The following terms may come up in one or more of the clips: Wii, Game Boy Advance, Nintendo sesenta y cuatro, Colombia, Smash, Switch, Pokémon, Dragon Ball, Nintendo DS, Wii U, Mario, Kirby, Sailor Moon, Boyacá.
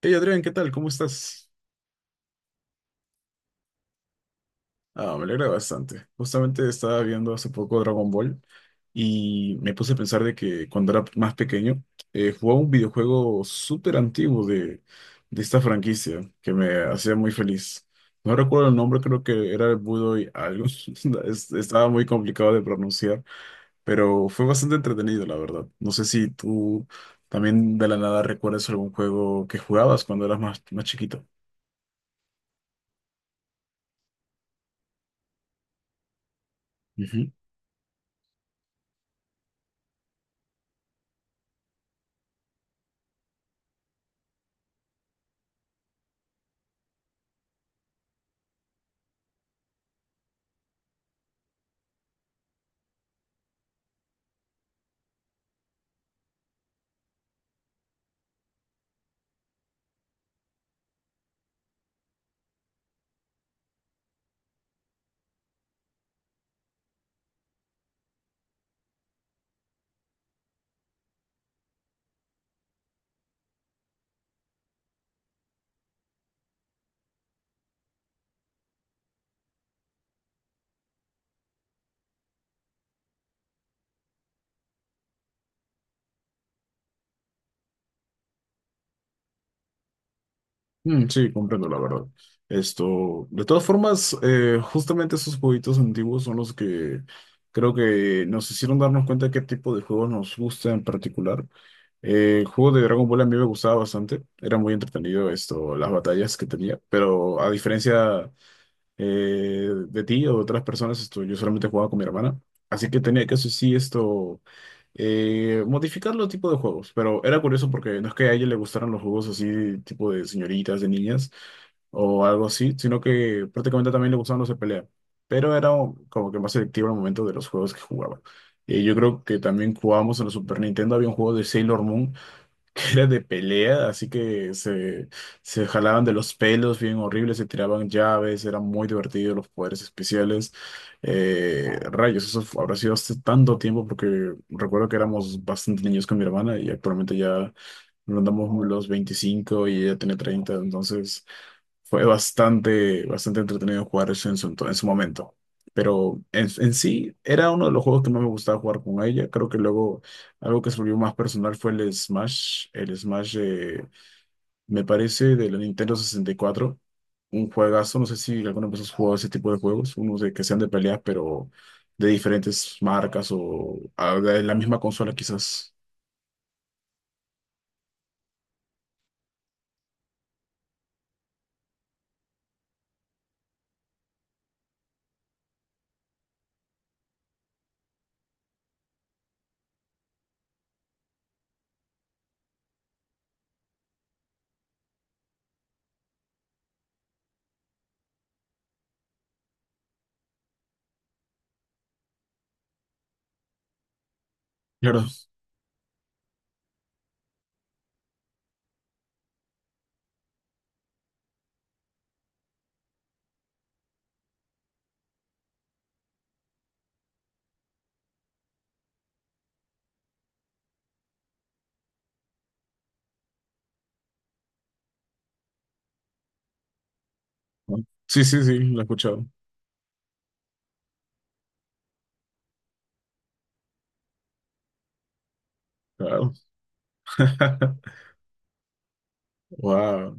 Hey Adrián, ¿qué tal? ¿Cómo estás? Ah, me alegra bastante. Justamente estaba viendo hace poco Dragon Ball y me puse a pensar de que cuando era más pequeño jugaba un videojuego súper antiguo de esta franquicia que me hacía muy feliz. No recuerdo el nombre, creo que era el Budo y algo. Estaba muy complicado de pronunciar, pero fue bastante entretenido, la verdad. No sé si tú también de la nada recuerdas algún juego que jugabas cuando eras más chiquito. Mm, sí, comprendo la verdad. Esto, de todas formas, justamente esos jueguitos antiguos son los que creo que nos hicieron darnos cuenta de qué tipo de juegos nos gusta en particular. El juego de Dragon Ball a mí me gustaba bastante, era muy entretenido esto, las batallas que tenía, pero a diferencia de ti o de otras personas, esto, yo solamente jugaba con mi hermana, así que tenía que, eso sí, esto modificar los tipos de juegos, pero era curioso porque no es que a ella le gustaran los juegos así, tipo de señoritas, de niñas, o algo así, sino que prácticamente también le gustaban los de pelea, pero como que más selectivo el momento de los juegos que jugaba. Yo creo que también jugábamos en la Super Nintendo, había un juego de Sailor Moon que era de pelea, así que se jalaban de los pelos bien horribles, se tiraban llaves, era muy divertido los poderes especiales. Rayos, habrá sido hace tanto tiempo porque recuerdo que éramos bastante niños con mi hermana y actualmente ya rondamos los 25 y ella tiene 30, entonces... Fue bastante entretenido jugar eso en su momento. Pero en sí, era uno de los juegos que más me gustaba jugar con ella. Creo que luego algo que se volvió más personal fue el Smash. El Smash, me parece, de la Nintendo 64. Un juegazo. No sé si alguna vez has jugado ese tipo de juegos. Unos de que sean de peleas, pero de diferentes marcas o ah, de la misma consola, quizás. Claro. Sí, sí, sí, lo he escuchado. Claro. Wow.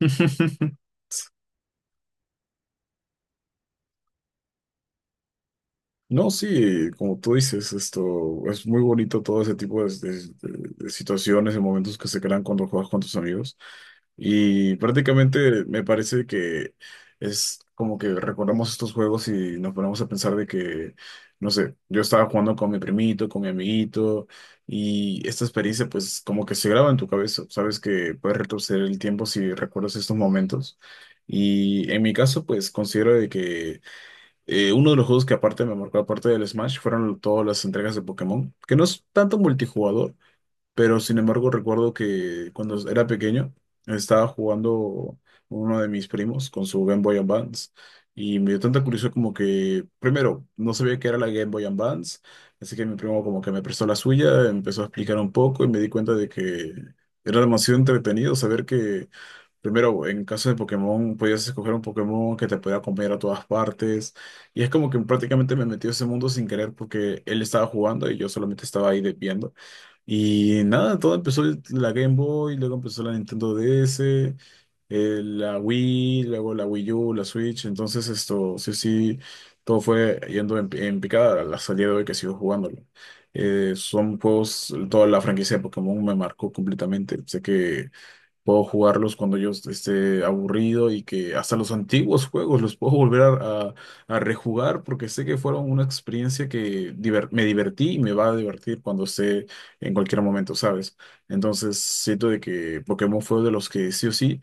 No, sí, como tú dices, esto es muy bonito todo ese tipo de situaciones y momentos que se crean cuando juegas con tus amigos. Y prácticamente me parece que es como que recordamos estos juegos y nos ponemos a pensar de que, no sé, yo estaba jugando con mi primito, con mi amiguito, y esta experiencia pues como que se graba en tu cabeza. Sabes que puedes retroceder el tiempo si recuerdas estos momentos. Y en mi caso pues considero de que... uno de los juegos que aparte me marcó, aparte del Smash, fueron todas las entregas de Pokémon, que no es tanto multijugador, pero sin embargo recuerdo que cuando era pequeño estaba jugando uno de mis primos con su Game Boy Advance y me dio tanta curiosidad como que, primero, no sabía qué era la Game Boy Advance, así que mi primo como que me prestó la suya, empezó a explicar un poco y me di cuenta de que era demasiado entretenido saber que primero, en caso de Pokémon, podías escoger un Pokémon que te podía comer a todas partes. Y es como que prácticamente me metió a ese mundo sin querer porque él estaba jugando y yo solamente estaba ahí viendo. Y nada, la Game Boy, luego empezó la Nintendo DS, la Wii, luego la Wii U, la Switch. Entonces, esto, sí, sí, todo fue yendo en picada a la salida de hoy que sigo jugándolo. Son juegos, toda la franquicia de Pokémon me marcó completamente. Sé que puedo jugarlos cuando yo esté aburrido y que hasta los antiguos juegos los puedo volver a rejugar porque sé que fueron una experiencia que me divertí y me va a divertir cuando esté en cualquier momento, ¿sabes? Entonces siento de que Pokémon fue de los que sí o sí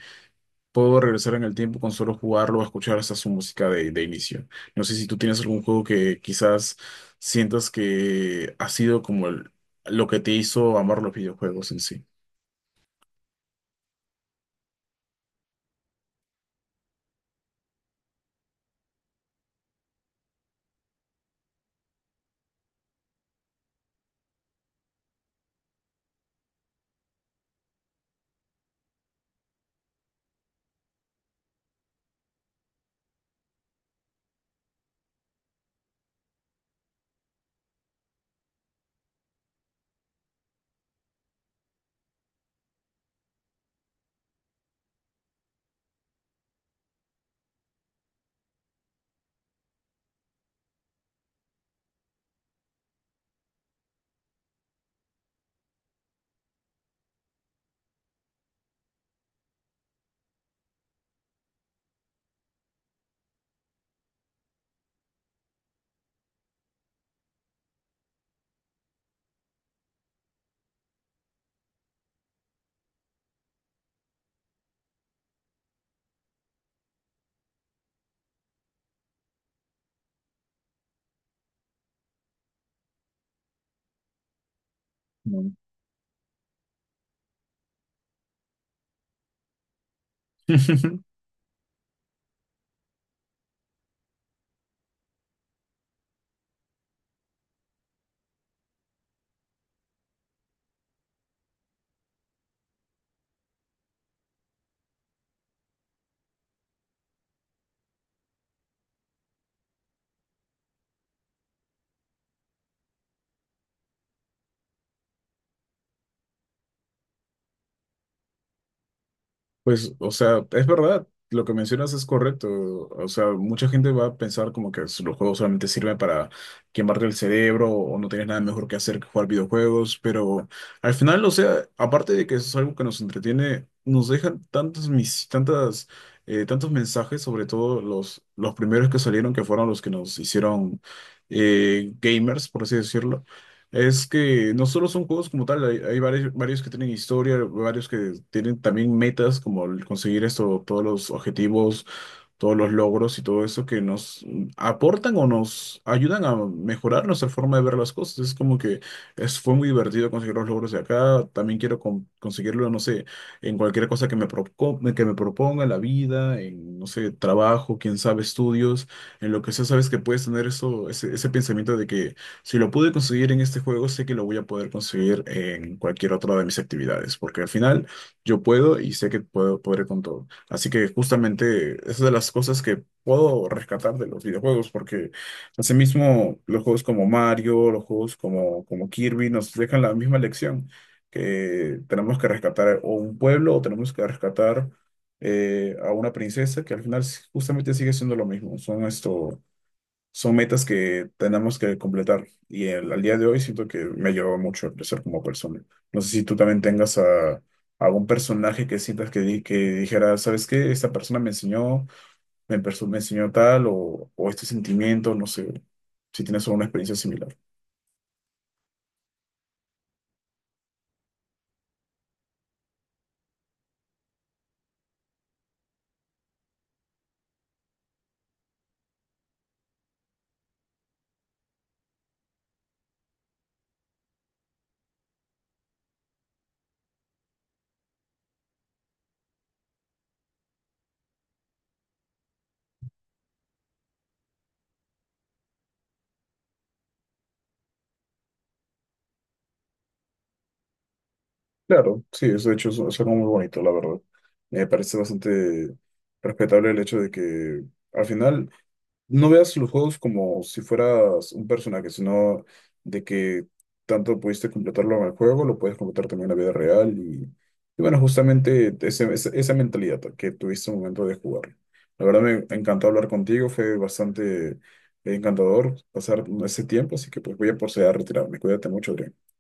puedo regresar en el tiempo con solo jugarlo o escuchar hasta su música de inicio. No sé si tú tienes algún juego que quizás sientas que ha sido como lo que te hizo amar los videojuegos en sí. No. Pues, o sea, es verdad, lo que mencionas es correcto. O sea, mucha gente va a pensar como que los juegos solamente sirven para quemarte el cerebro o no tienes nada mejor que hacer que jugar videojuegos, pero al final, o sea, aparte de que es algo que nos entretiene, nos dejan tantos mensajes, sobre todo los primeros que salieron, que fueron los que nos hicieron gamers, por así decirlo. Es que no solo son juegos como tal, hay varios, varios que tienen historia, varios que tienen también metas como el conseguir esto, todos los objetivos, todos los logros y todo eso que nos aportan o nos ayudan a mejorar nuestra forma de ver las cosas. Es como que es, fue muy divertido conseguir los logros de acá, también quiero conseguirlo, no sé, en cualquier cosa que me, que me proponga la vida, en, no sé, trabajo, quién sabe, estudios, en lo que sea, sabes que puedes tener eso, ese pensamiento de que si lo pude conseguir en este juego, sé que lo voy a poder conseguir en cualquier otra de mis actividades, porque al final yo puedo y sé que puedo, podré con todo. Así que justamente es de las cosas que puedo rescatar de los videojuegos, porque asimismo los juegos como Mario, los juegos como Kirby nos dejan la misma lección, que tenemos que rescatar o un pueblo o tenemos que rescatar a una princesa, que al final justamente sigue siendo lo mismo. Son esto son metas que tenemos que completar. Y al día de hoy siento que me ha ayudado mucho a crecer como persona. No sé si tú también tengas algún personaje que sientas que, que dijera, ¿sabes qué? Esta persona me enseñó, me enseñó tal o este sentimiento, no sé, si tienes alguna experiencia similar. Claro, sí, eso de hecho es algo muy bonito, la verdad. Me parece bastante respetable el hecho de que al final... No veas los juegos como si fueras un personaje, sino de que tanto pudiste completarlo en el juego, lo puedes completar también en la vida real. Y bueno, justamente esa mentalidad que tuviste al momento de jugarlo. La verdad me encantó hablar contigo, fue bastante encantador pasar ese tiempo, así que pues voy a proceder a retirarme. Cuídate mucho, Adrián.